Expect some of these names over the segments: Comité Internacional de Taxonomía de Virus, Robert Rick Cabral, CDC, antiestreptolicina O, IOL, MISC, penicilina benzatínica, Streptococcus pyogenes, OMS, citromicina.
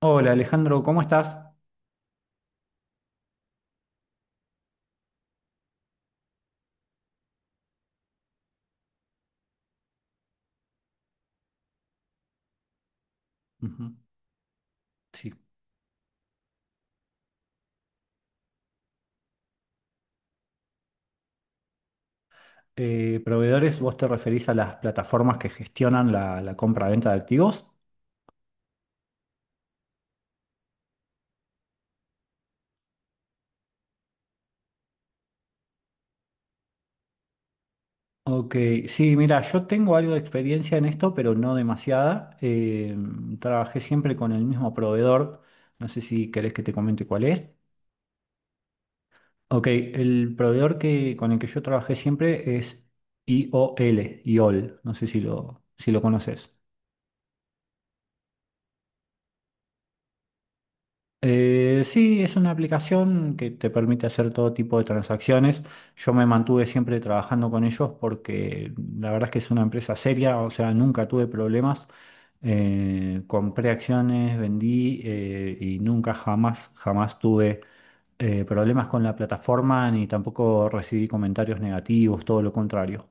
Hola Alejandro, ¿cómo estás? Ujú. Sí. Proveedores, ¿vos te referís a las plataformas que gestionan la compra-venta de activos? Ok, sí, mira, yo tengo algo de experiencia en esto, pero no demasiada. Trabajé siempre con el mismo proveedor. No sé si querés que te comente cuál es. Ok, el proveedor con el que yo trabajé siempre es IOL, IOL. No sé si lo, si lo conoces. Sí, es una aplicación que te permite hacer todo tipo de transacciones. Yo me mantuve siempre trabajando con ellos porque la verdad es que es una empresa seria, o sea, nunca tuve problemas. Compré acciones, vendí y nunca jamás, jamás tuve problemas con la plataforma ni tampoco recibí comentarios negativos, todo lo contrario.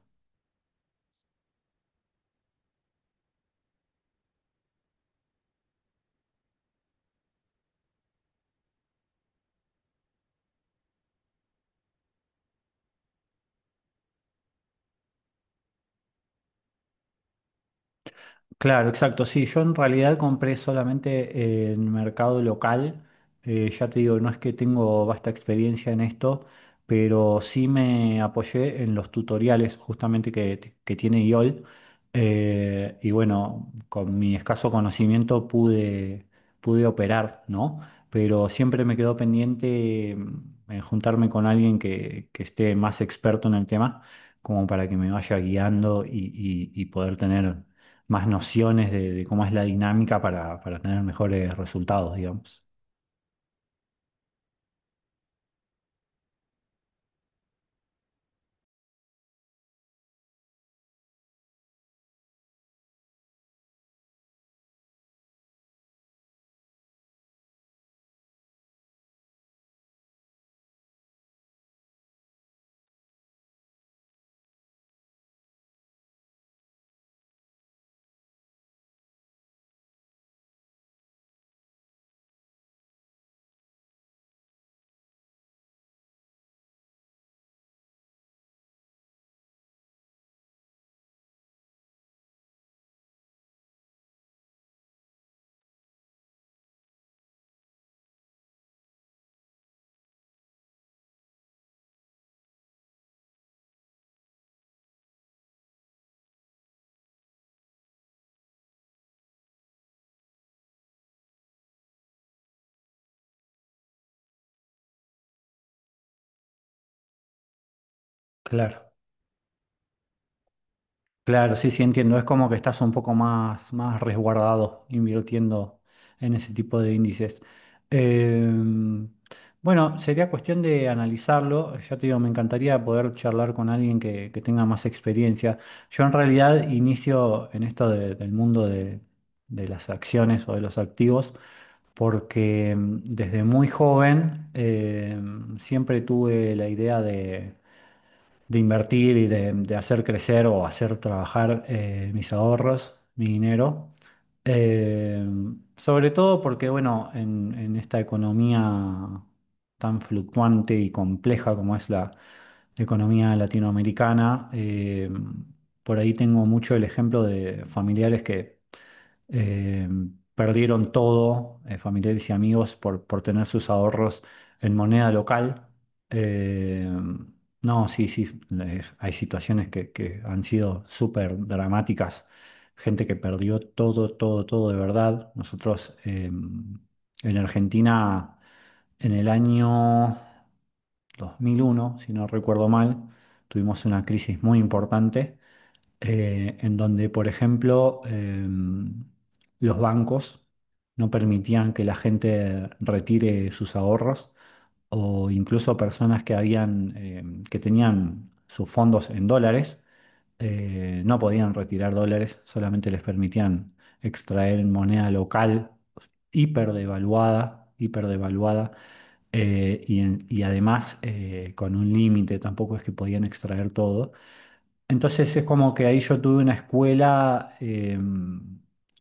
Claro, exacto. Sí, yo en realidad compré solamente en mercado local. Ya te digo, no es que tengo vasta experiencia en esto, pero sí me apoyé en los tutoriales justamente que tiene IOL. Y bueno, con mi escaso conocimiento pude operar, ¿no? Pero siempre me quedó pendiente en juntarme con alguien que esté más experto en el tema, como para que me vaya guiando y y poder tener más nociones de cómo es la dinámica para tener mejores resultados, digamos. Claro. Claro, sí, sí, entiendo. Es como que estás un poco más, más resguardado invirtiendo en ese tipo de índices. Em, bueno, sería cuestión de analizarlo. Ya te digo, me encantaría poder charlar con alguien que tenga más experiencia. Yo en realidad inicio en esto del mundo de las acciones o de los activos porque desde muy joven siempre tuve la idea de invertir y de hacer crecer o hacer trabajar mis ahorros, mi dinero. Eh, Sobre todo porque, bueno, en esta economía tan fluctuante y compleja como es la economía latinoamericana, por ahí tengo mucho el ejemplo de familiares que eh, perdieron todo, familiares y amigos, por tener sus ahorros en moneda local. Eh, no, sí, sí, hay situaciones que han sido súper dramáticas. Gente que perdió todo, todo, todo de verdad. Nosotros en Argentina, en el año 2001, si no recuerdo mal, tuvimos una crisis muy importante en donde, por ejemplo, los bancos no permitían que la gente retire sus ahorros o incluso personas que habían, em, que tenían sus fondos en dólares, no podían retirar dólares, solamente les permitían extraer en moneda local hiperdevaluada, hiperdevaluada, y además con un límite, tampoco es que podían extraer todo. Entonces es como que ahí yo tuve una escuela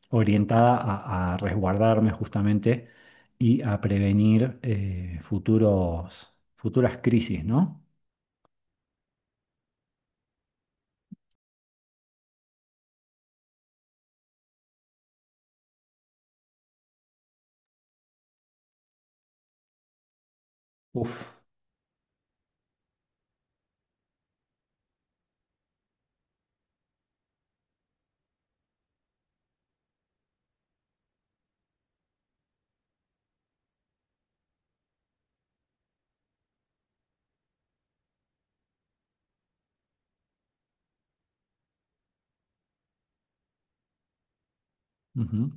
orientada a resguardarme justamente y a prevenir futuras crisis, ¿no? Uf. Ujú.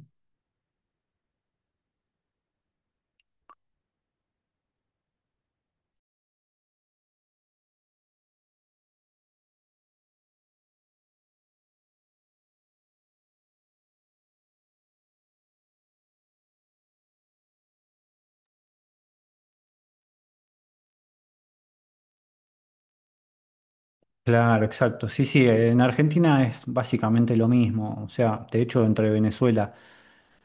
Claro, exacto. Sí, sí, en Argentina es básicamente lo mismo. O sea, de hecho, entre Venezuela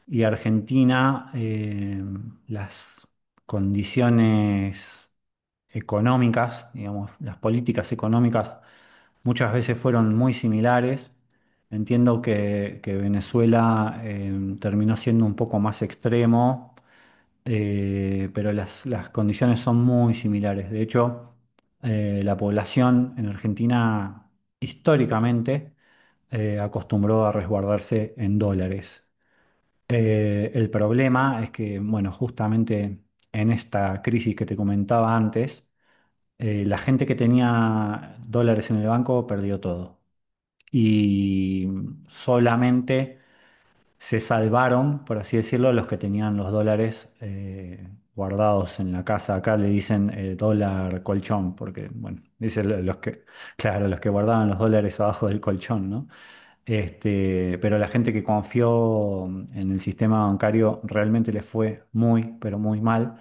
y Argentina, las condiciones económicas, digamos, las políticas económicas muchas veces fueron muy similares. Entiendo que Venezuela terminó siendo un poco más extremo, pero las condiciones son muy similares. De hecho, la población en Argentina históricamente acostumbró a resguardarse en dólares. El problema es que, bueno, justamente en esta crisis que te comentaba antes, la gente que tenía dólares en el banco perdió todo. Y solamente se salvaron, por así decirlo, los que tenían los dólares guardados en la casa. Acá le dicen dólar colchón, porque, bueno, dicen los que, claro, los que guardaban los dólares abajo del colchón, ¿no? Este, pero la gente que confió en el sistema bancario realmente le fue muy, pero muy mal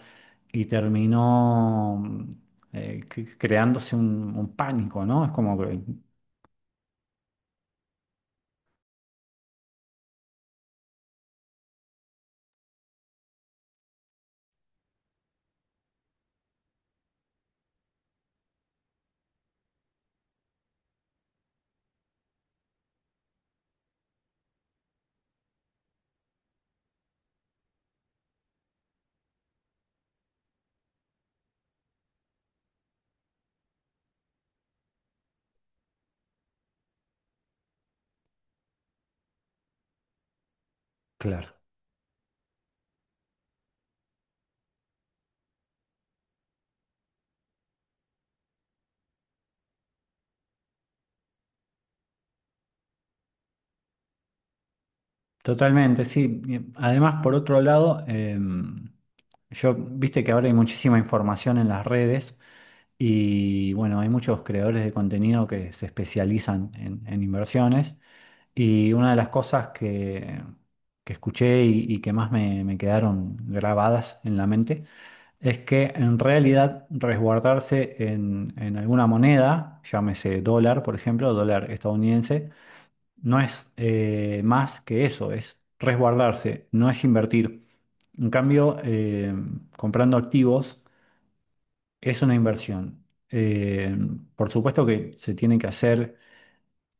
y terminó mm, creándose un pánico, ¿no? Es como que, claro. Totalmente, sí. Y además, por otro lado, yo, viste que ahora hay muchísima información en las redes y bueno, hay muchos creadores de contenido que se especializan en inversiones y una de las cosas que escuché y que más me quedaron grabadas en la mente es que en realidad resguardarse en alguna moneda, llámese dólar, por ejemplo, dólar estadounidense, no es más que eso, es resguardarse, no es invertir. En cambio, comprando activos es una inversión. Eh, por supuesto que se tiene que hacer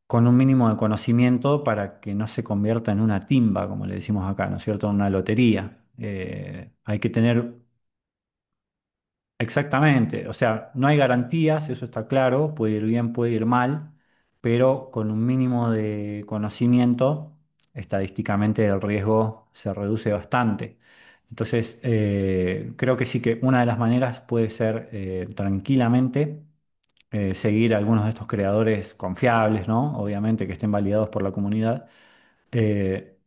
con un mínimo de conocimiento para que no se convierta en una timba, como le decimos acá, ¿no es cierto? Una lotería. Hay que tener exactamente, o sea, no hay garantías, eso está claro, puede ir bien, puede ir mal, pero con un mínimo de conocimiento, estadísticamente el riesgo se reduce bastante. Entonces, creo que sí que una de las maneras puede ser tranquilamente seguir a algunos de estos creadores confiables, ¿no? Obviamente que estén validados por la comunidad. Eh,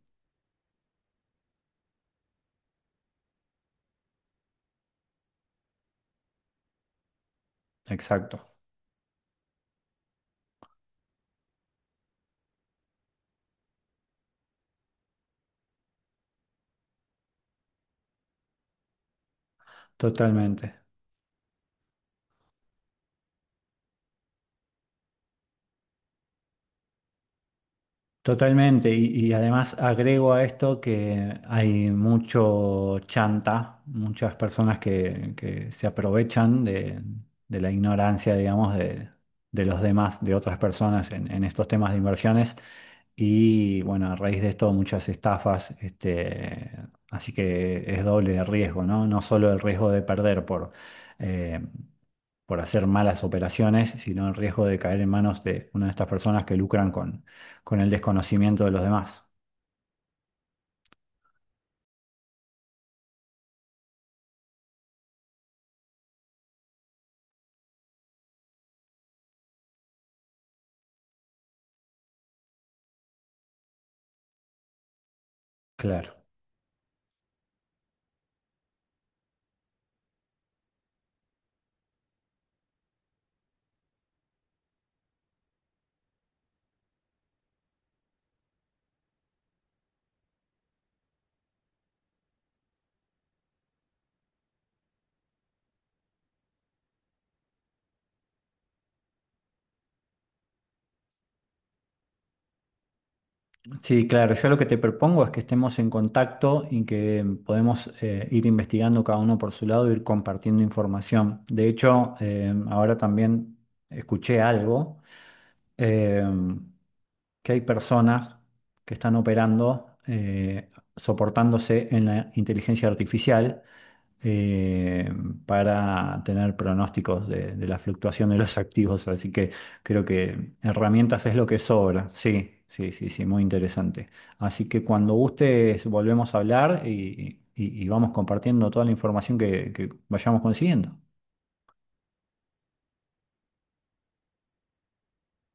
exacto, totalmente. Totalmente, y además agrego a esto que hay mucho chanta, muchas personas que se aprovechan de la ignorancia, digamos, de los demás, de otras personas en estos temas de inversiones. Y bueno, a raíz de esto muchas estafas, este, así que es doble de riesgo, ¿no? No solo el riesgo de perder eh, por hacer malas operaciones, sino el riesgo de caer en manos de una de estas personas que lucran con el desconocimiento de los demás. Claro. Sí, claro. Yo lo que te propongo es que estemos en contacto y que podemos ir investigando cada uno por su lado, ir compartiendo información. De hecho, ahora también escuché algo, eh, que hay personas que están operando soportándose en la inteligencia artificial eh, para tener pronósticos de la fluctuación de los activos. Así que creo que herramientas es lo que sobra. Sí, sí, sí, sí, muy interesante. Así que cuando gustes volvemos a hablar y, y vamos compartiendo toda la información que vayamos consiguiendo.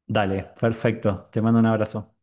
Dale, perfecto. Te mando un abrazo.